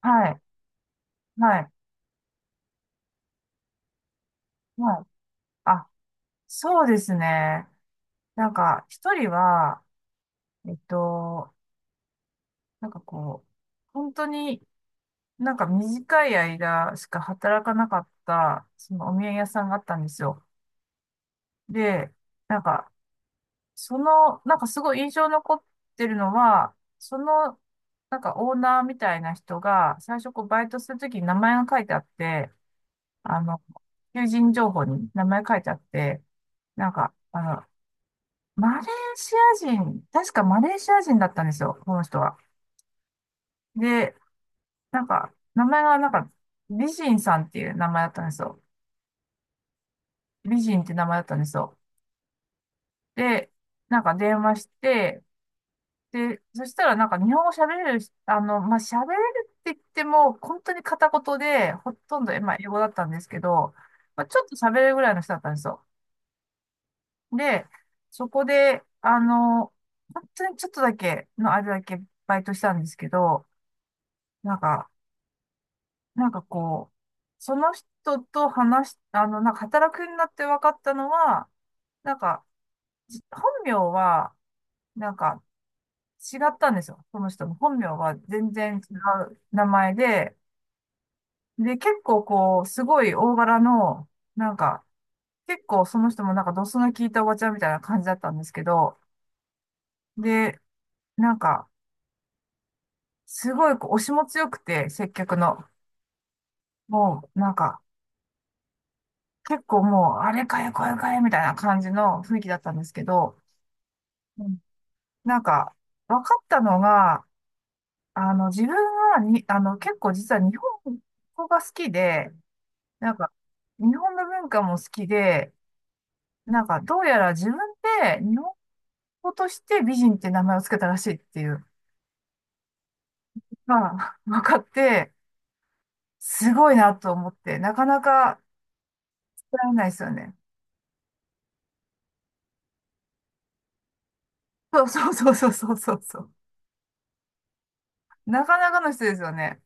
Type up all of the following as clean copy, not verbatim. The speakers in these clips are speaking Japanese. はい、はい、はい。あ、そうですね。なんか、一人は、えっと、なんかこう、本当になんか短い間しか働かなかった、そのお土産屋さんがあったんですよ。で、なんか、その、なんかすごい印象に残ってるのは、その、なんかオーナーみたいな人が、最初こうバイトするときに名前が書いてあって、あの、求人情報に名前書いてあって、なんか、あの、マレーシア人、確かマレーシア人だったんですよ、この人は。で、なんか、名前がなんか、美人さんっていう名前だったんですよ。美人って名前だったんですよ。で、なんか電話して、で、そしたらなんか日本語喋れるし、あの、まあ、喋れるって言っても、本当に片言で、ほとんど、まあ、英語だったんですけど、まあ、ちょっと喋れるぐらいの人だったんですよ。で、そこで、あの、本当にちょっとだけの間だけバイトしたんですけど、なんか、なんかこう、その人と話し、あの、なんか働くようになって分かったのは、なんか、本名は、なんか違ったんですよ。その人の本名は全然違う名前で、で、結構こう、すごい大柄の、なんか、結構その人もなんかドスの効いたおばちゃんみたいな感じだったんですけど、で、なんか、すごいこう押しも強くて、接客の。もう、なんか、結構もう、あれかよ、これかよ、みたいな感じの雰囲気だったんですけど、うんなんか、分かったのが、あの、自分に、あの、結構実は日本語が好きで、なんか、日本の文化も好きで、なんか、どうやら自分で日本語として美人って名前をつけたらしいっていう、まあ、分かって、すごいなと思って、なかなか、られないですよね。そうそうそうそうそうそう。なかなかの人ですよね。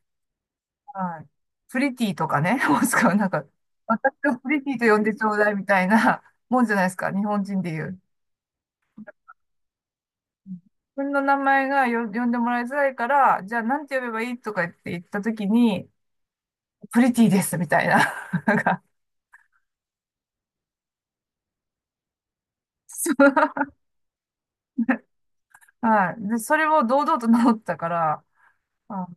はい。プリティとかね、もしくはなんか、私をプリティと呼んでちょうだいみたいなもんじゃないですか、日本人で言う。自分の名前が呼んでもらいづらいから、じゃあなんて呼べばいいとか言ったときに、プリティですみたいな。なんか、そう、はい。で、それを堂々と名乗ったから、あ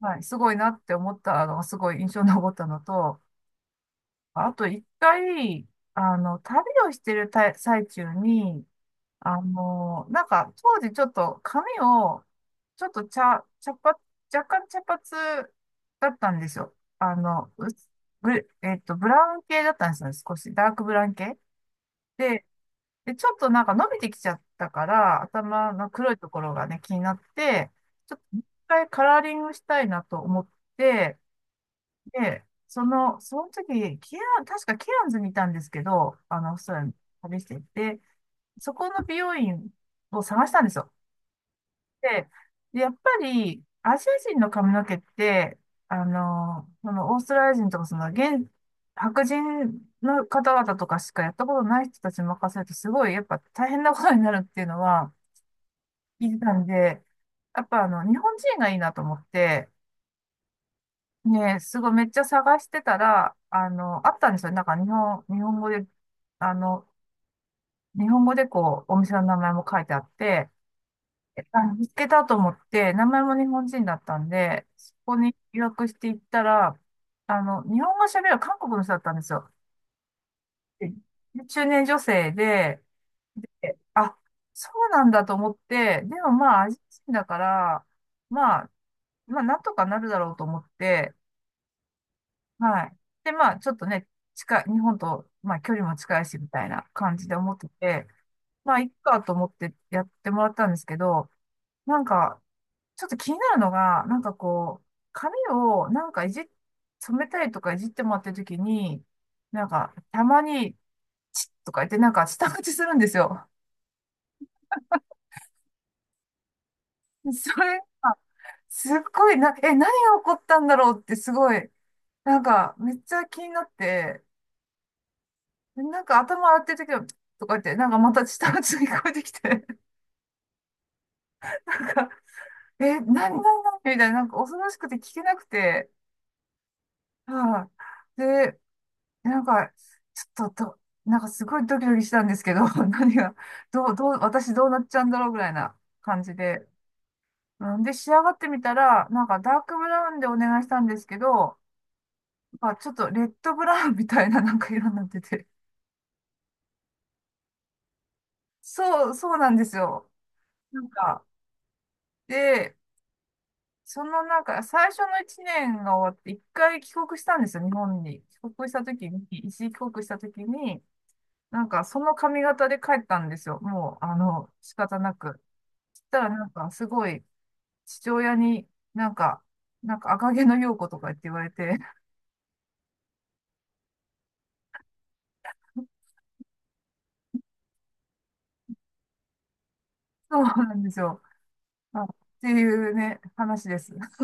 はい、すごいなって思ったのがすごい印象に残ったのと、あと一回、あの、旅をしてる最中に、あの、なんか当時ちょっと髪を、ちょっと茶、茶髪、若干茶髪だったんですよ。あの、うすブえっと、ブラウン系だったんですよね、少し。ダークブラウン系。で、ちょっとなんか伸びてきちゃったから、頭の黒いところがね、気になって、ちょっと一回カラーリングしたいなと思って、で、その時、確かケアンズにいたんですけど、あの、オーストラリアに旅していて、そこの美容院を探したんですよ。で、やっぱり、アジア人の髪の毛って、あの、そのオーストラリア人とか、その現、白人の方々とかしかやったことない人たちに任せると、すごい、やっぱ大変なことになるっていうのは聞いてたんで、やっぱあの、日本人がいいなと思って、ね、すごいめっちゃ探してたら、あの、あったんですよ。日本語で、あの、日本語でこう、お店の名前も書いてあって、見つけたと思って、名前も日本人だったんで、そこに予約していったら、あの、日本語喋る韓国の人だったんですよ。で中年女性で、えあ、そうなんだと思って、でもまあ、アジア人だから、まあ、なんとかなるだろうと思って、はい。で、まあ、ちょっとね、近い、日本と、まあ、距離も近いし、みたいな感じで思ってて、まあ、いっかと思ってやってもらったんですけど、なんか、ちょっと気になるのが、なんかこう、髪をなんかいじっ、染めたりとかいじってもらってるときに、なんか、たまに、チッとか言って、なんか、舌打ちするんですよ。それが、すっごいな、え、何が起こったんだろうって、すごい、なんか、めっちゃ気になって、なんか、頭洗ってるときは、チッとか言って、なんか、また舌打ちが聞こえてきて、なんか、え、何、何、何みたいな、なんか、恐ろしくて聞けなくて、はい、で、なんか、ちょっとど、なんかすごいドキドキしたんですけど、何が、どう、どう、私どうなっちゃうんだろうぐらいな感じで。うんで、仕上がってみたら、なんかダークブラウンでお願いしたんですけど、まあちょっとレッドブラウンみたいななんか色になってて。そう、そうなんですよ。なんか、で、そのなんか最初の1年が終わって、1回帰国したんですよ、日本に。帰国した時に、一時帰国した時に、なんかその髪型で帰ったんですよ。もう、あの、仕方なく。そしたらなんかすごい父親になんか、なんか赤毛の陽子とか言われて、そうなんですよ。まあ、っていうね、話です。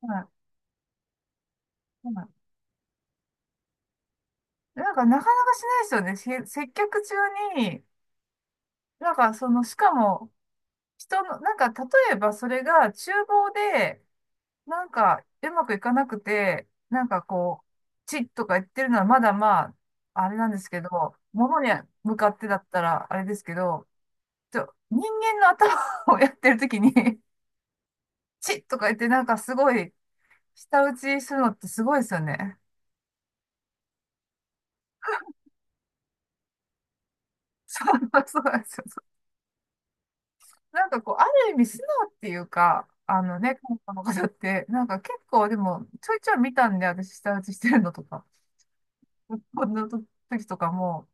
はい。はいなんかなかなかしないですよね。接客中に、なんかその、しかも人の、なんか例えばそれが厨房でなんかうまくいかなくて、なんかこう、チッとか言ってるのはまだまあ、あれなんですけど、物に向かってだったらあれですけど、人間の頭をやってるときに、チッとか言ってなんかすごい、舌打ちするのってすごいですよね。そう、そうなんですよ。なんかこう、ある意味素直っていうか、あのね、韓国の方って、なんか結構でも、ちょいちょい見たんで、私舌打ちしてるのとか、こんな時とかも、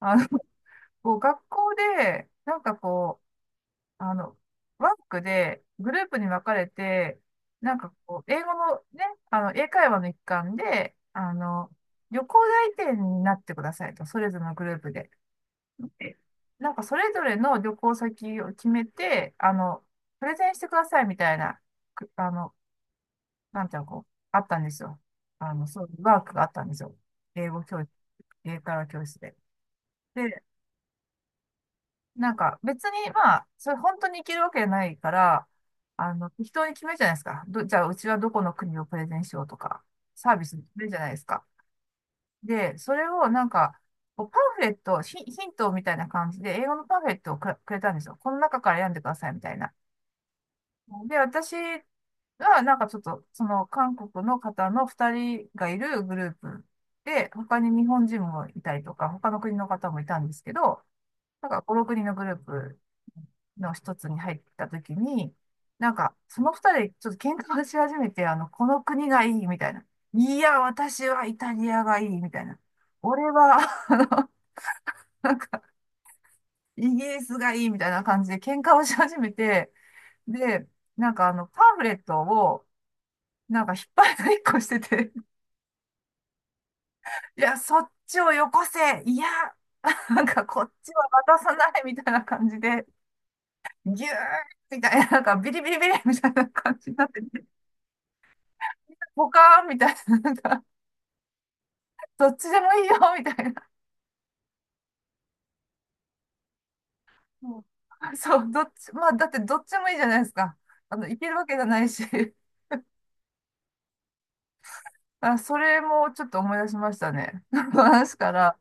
あの、こう、学校で、なんかこう、あの、ワークでグループに分かれて、なんかこう、英語のね、あの、英会話の一環で、あの、旅行代理店になってくださいと、それぞれのグループで。でなんかそれぞれの旅行先を決めて、あの、プレゼンしてくださいみたいな、くあの、なんていうの、こう、あったんですよ。あの、そういうワークがあったんですよ。英語教室、英会話教室で。でなんか別にまあ、それ本当にいけるわけじゃないから、あの、適当に決めるじゃないですか。じゃあうちはどこの国をプレゼンしようとか、サービス決めるじゃないですか。で、それをなんか、こうパンフレット、ヒ、ヒントみたいな感じで、英語のパンフレットをくれたんですよ。この中から選んでくださいみたいな。で、私はなんかちょっと、その韓国の方の2人がいるグループで、他に日本人もいたりとか、他の国の方もいたんですけど、なんか5、6人のグループの一つに入った時に、なんかその二人でちょっと喧嘩をし始めて、あの、この国がいいみたいな。いや、私はイタリアがいいみたいな。俺は、あの、イギリスがいいみたいな感じで喧嘩をし始めて、で、なんかあの、パンフレットを、なんか引っ張りだっしてて、いや、そっちをよこせいや、なんかこっちは渡さないみたいな感じで、ギューみたいな、なんかビリビリビリみたいな感じになって、ポカーンみたいな、なんか、どっちでもいいよみたいな。もうそう、どっち、まあ、だってどっちもいいじゃないですか。あの、いけるわけじゃないし。あ、それもちょっと思い出しましたね。話から、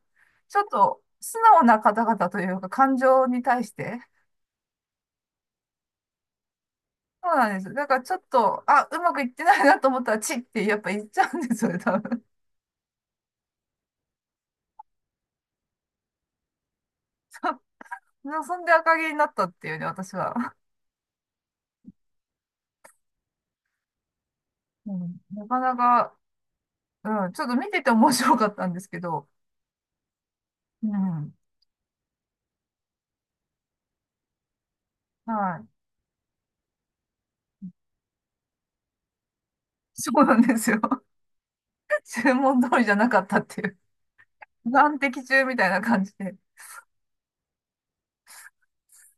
ちょっと素直な方々というか、感情に対して。そうなんです。だからちょっと、あ、うまくいってないなと思ったら、チッってやっぱ言っちゃうんですよね、多分。そそんで赤毛になったっていうね、私は。うん、なかなか、うん、ちょっと見てて面白かったんですけど、うん、はい。そうなんですよ。注文通りじゃなかったっていう。難敵中みたいな感じで。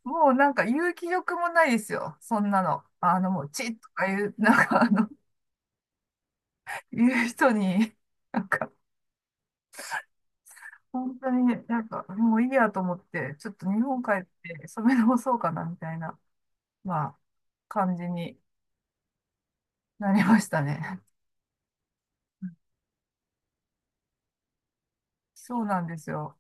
もうなんか言う気力もないですよ。そんなの。あの、もう、チッとか言う、なんかあの、言う人に、なんか、本当に、なんか、もういいやと思って、ちょっと日本帰って染め直そうかな、みたいな、まあ、感じになりましたね。そうなんですよ。